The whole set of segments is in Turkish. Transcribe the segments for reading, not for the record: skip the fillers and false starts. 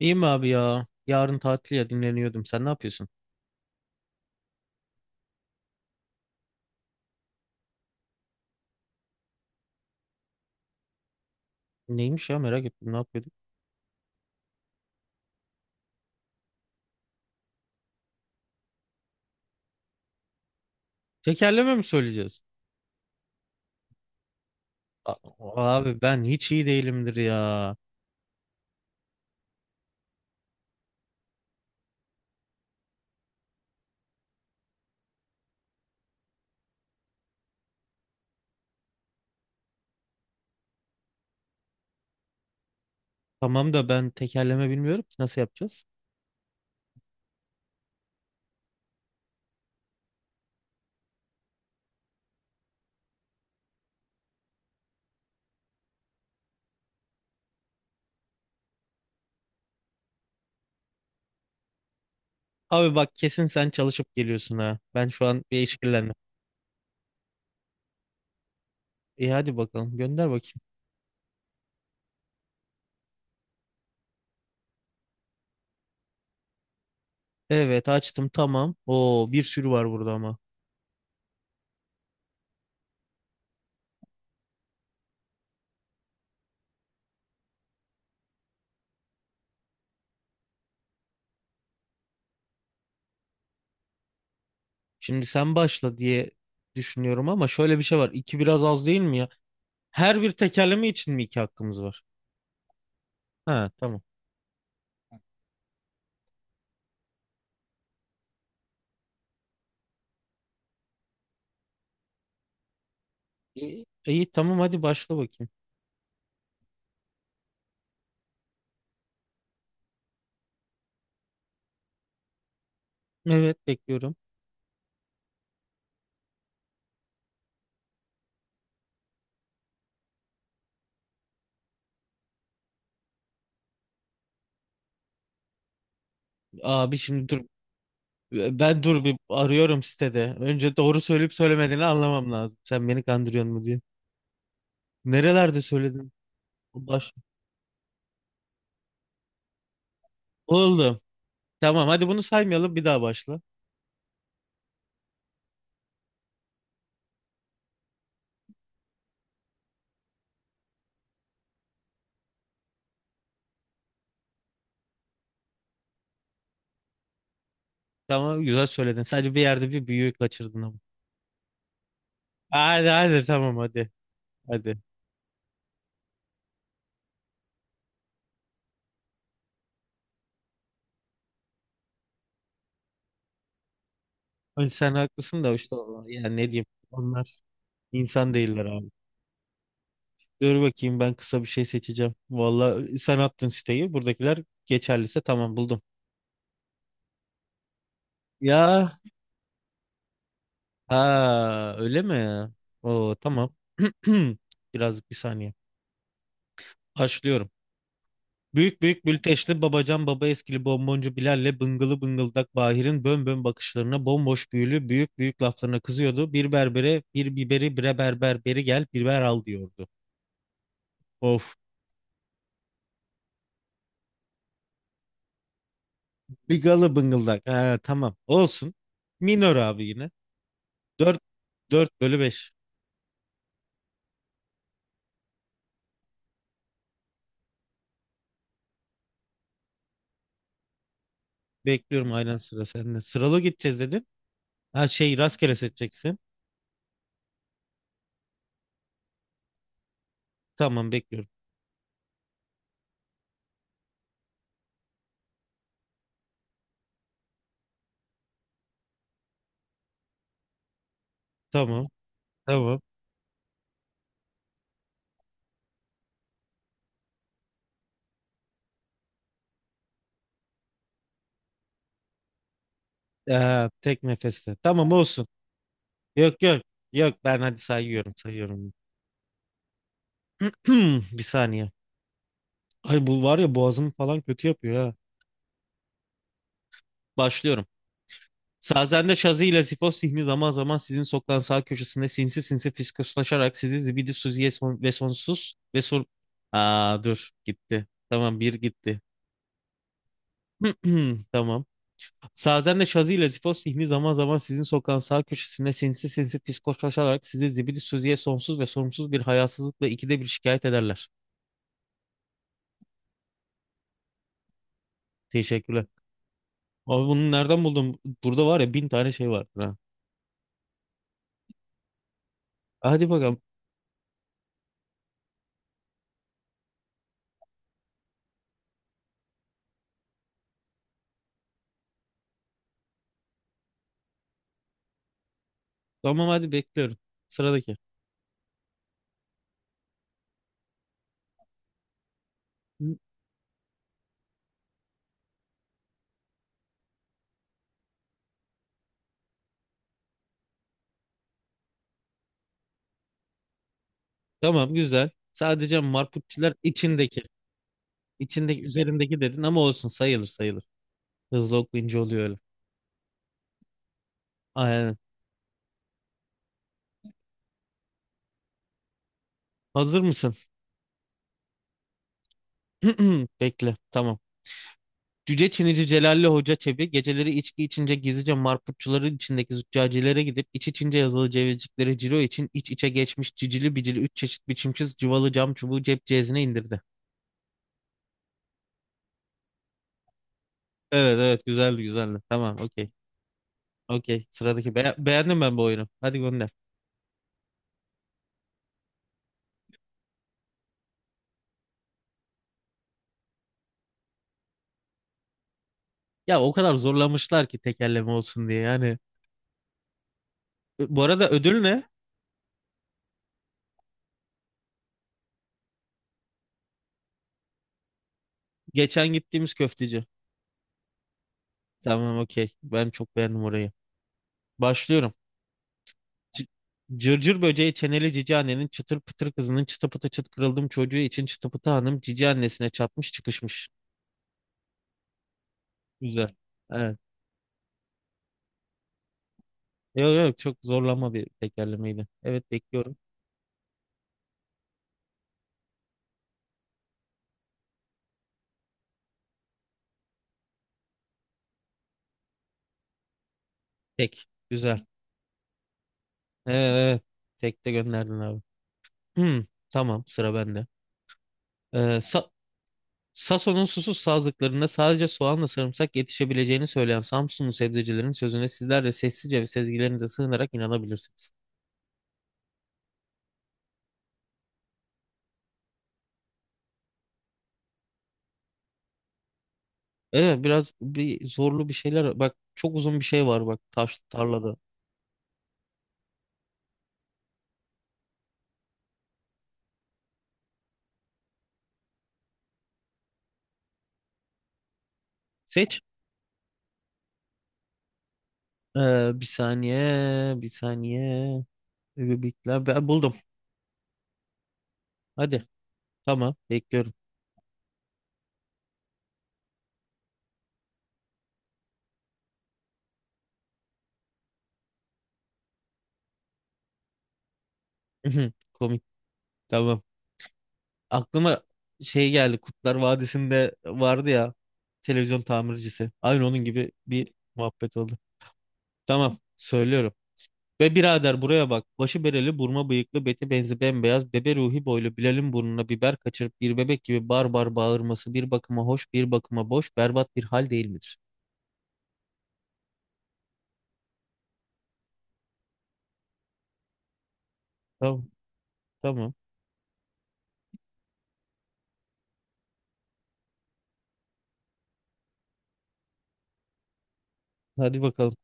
İyiyim abi ya. Yarın tatil ya dinleniyordum. Sen ne yapıyorsun? Neymiş ya merak ettim ne yapıyorduk? Tekerleme mi söyleyeceğiz? Abi ben hiç iyi değilimdir ya. Tamam da ben tekerleme bilmiyorum ki nasıl yapacağız? Abi bak kesin sen çalışıp geliyorsun ha. Ben şu an bir işkillendim. İyi hadi bakalım gönder bakayım. Evet açtım tamam. Oo bir sürü var burada ama. Şimdi sen başla diye düşünüyorum ama şöyle bir şey var. İki biraz az değil mi ya? Her bir tekerleme için mi iki hakkımız var? Ha tamam. İyi, iyi, tamam hadi başla bakayım. Evet bekliyorum. Abi şimdi dur. Ben dur bir arıyorum sitede. Önce doğru söyleyip söylemediğini anlamam lazım. Sen beni kandırıyor mu diye. Nerelerde söyledin? Baş. Oldu. Tamam hadi bunu saymayalım bir daha başla. Tamam güzel söyledin. Sadece bir yerde bir büyüğü kaçırdın ama. Hadi hadi tamam hadi. Hadi. Önce sen haklısın da işte. Yani ne diyeyim. Onlar insan değiller abi. Dur bakayım ben kısa bir şey seçeceğim. Vallahi sen attın siteyi. Buradakiler geçerliyse tamam buldum. Ya ha öyle mi? Oo tamam. Birazcık bir saniye. Başlıyorum. Büyük büyük bülteşli babacan baba eskili bonboncu Bilal'le bıngılı bıngıldak Bahir'in bön bön bakışlarına bomboş büyülü büyük büyük laflarına kızıyordu. Bir berbere bir biberi bre berber beri gel biber al diyordu. Of. Bigalı bıngıldak. Ha, tamam olsun. Minor abi yine. 4 4 bölü 5. Bekliyorum aynen, sıra sende. Sıralı gideceğiz dedin. Ha şey, rastgele seçeceksin. Tamam bekliyorum. Tamam. Tamam. Tek nefeste. Tamam olsun. Yok yok. Yok, ben hadi sayıyorum sayıyorum. Bir saniye. Ay bu var ya boğazımı falan kötü yapıyor ha. Başlıyorum. Sazende Şazi ile Sifo Sihmi zaman zaman sizin sokağın sağ köşesinde sinsi sinsi fiskoslaşarak sizi zibidi suziye son- ve sonsuz ve son... Aa dur gitti. Tamam bir gitti. Tamam. Sazen de Şazi ile Zifos zihni zaman zaman sizin sokağın sağ köşesinde sinsi sinsi diskoşlaşarak sizi zibidi sözüye sonsuz ve sorumsuz bir hayasızlıkla ikide bir şikayet ederler. Teşekkürler. Abi bunu nereden buldum? Burada var ya bin tane şey var. Ha. Hadi bakalım. Tamam hadi bekliyorum. Sıradaki. Hı, tamam güzel. Sadece marputçiler içindeki. İçindeki üzerindeki dedin ama olsun, sayılır sayılır. Hızlı okuyunca oluyor öyle. Aynen. Hazır mısın? Bekle. Tamam. Cüce Çinici Celalli Hoca Çebi geceleri içki içince gizlice marputçuların içindeki züccacilere gidip iç içince yazılı cevizciklere ciro için iç içe geçmiş cicili bicili üç çeşit biçimsiz cıvalı cam çubuğu cep cezine indirdi. Evet evet, güzeldi güzeldi. Tamam okey. Okey sıradaki. Beğendim ben bu oyunu. Hadi gönder. Ya o kadar zorlamışlar ki tekerleme olsun diye yani. Bu arada ödül ne? Geçen gittiğimiz köfteci. Tamam okey. Ben çok beğendim orayı. Başlıyorum. C- Cırcır böceği çeneli cici annenin çıtır pıtır kızının çıtı pıtı çıt kırıldım çocuğu için çıtı pıtı hanım cici annesine çatmış çıkışmış. Güzel. Evet. Yok yok, çok zorlama bir tekerlemeydi. Evet bekliyorum. Tek. Güzel. Evet, evet. Tek de gönderdin abi. Hmm, tamam, sıra bende. Ee, Sa- Sason'un susuz sazlıklarında sadece soğanla sarımsak yetişebileceğini söyleyen Samsunlu sebzecilerin sözüne sizler de sessizce ve sezgilerinize sığınarak inanabilirsiniz. Evet biraz bir zorlu bir şeyler. Bak çok uzun bir şey var, bak taş tarlada. Seç. Bir saniye, bir saniye. Bekle. Ben buldum. Hadi. Tamam, bekliyorum. Komik. Tamam. Aklıma şey geldi. Kurtlar Vadisi'nde vardı ya televizyon tamircisi. Aynı onun gibi bir muhabbet oldu. Tamam, söylüyorum. Ve birader buraya bak. Başı bereli, burma bıyıklı, beti benzi bembeyaz, bebe ruhi boylu, Bilal'in burnuna biber kaçırıp bir bebek gibi bar bar bağırması bir bakıma hoş, bir bakıma boş, berbat bir hal değil midir? Tamam, tamam. Hadi bakalım.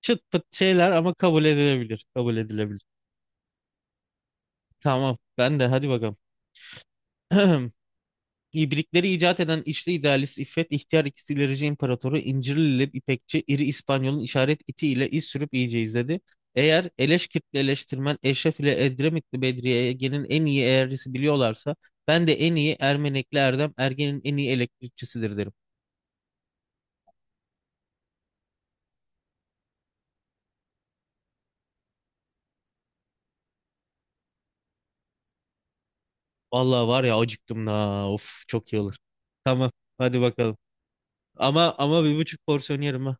Çıt pıt şeyler ama kabul edilebilir. Kabul edilebilir. Tamam, ben de hadi bakalım. İbrikleri icat eden içli idealist İffet, ihtiyar ikisi ilerici imparatoru, İncirlili İpekçi, iri İspanyol'un işaret iti ile iz sürüp iyice izledi. Eğer Eleşkirtli eleştirmen Eşref ile Edremitli Bedriye Ege'nin en iyi eğercisi biliyorlarsa ben de en iyi Ermenekli Erdem Ergen'in en iyi elektrikçisidir derim. Vallahi var ya, acıktım da of, çok iyi olur. Tamam hadi bakalım. Ama ama 1,5 porsiyon yerim ha.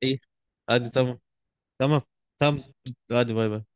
İyi. Hadi tamam. Tamam. Tamam. Hadi bay bay.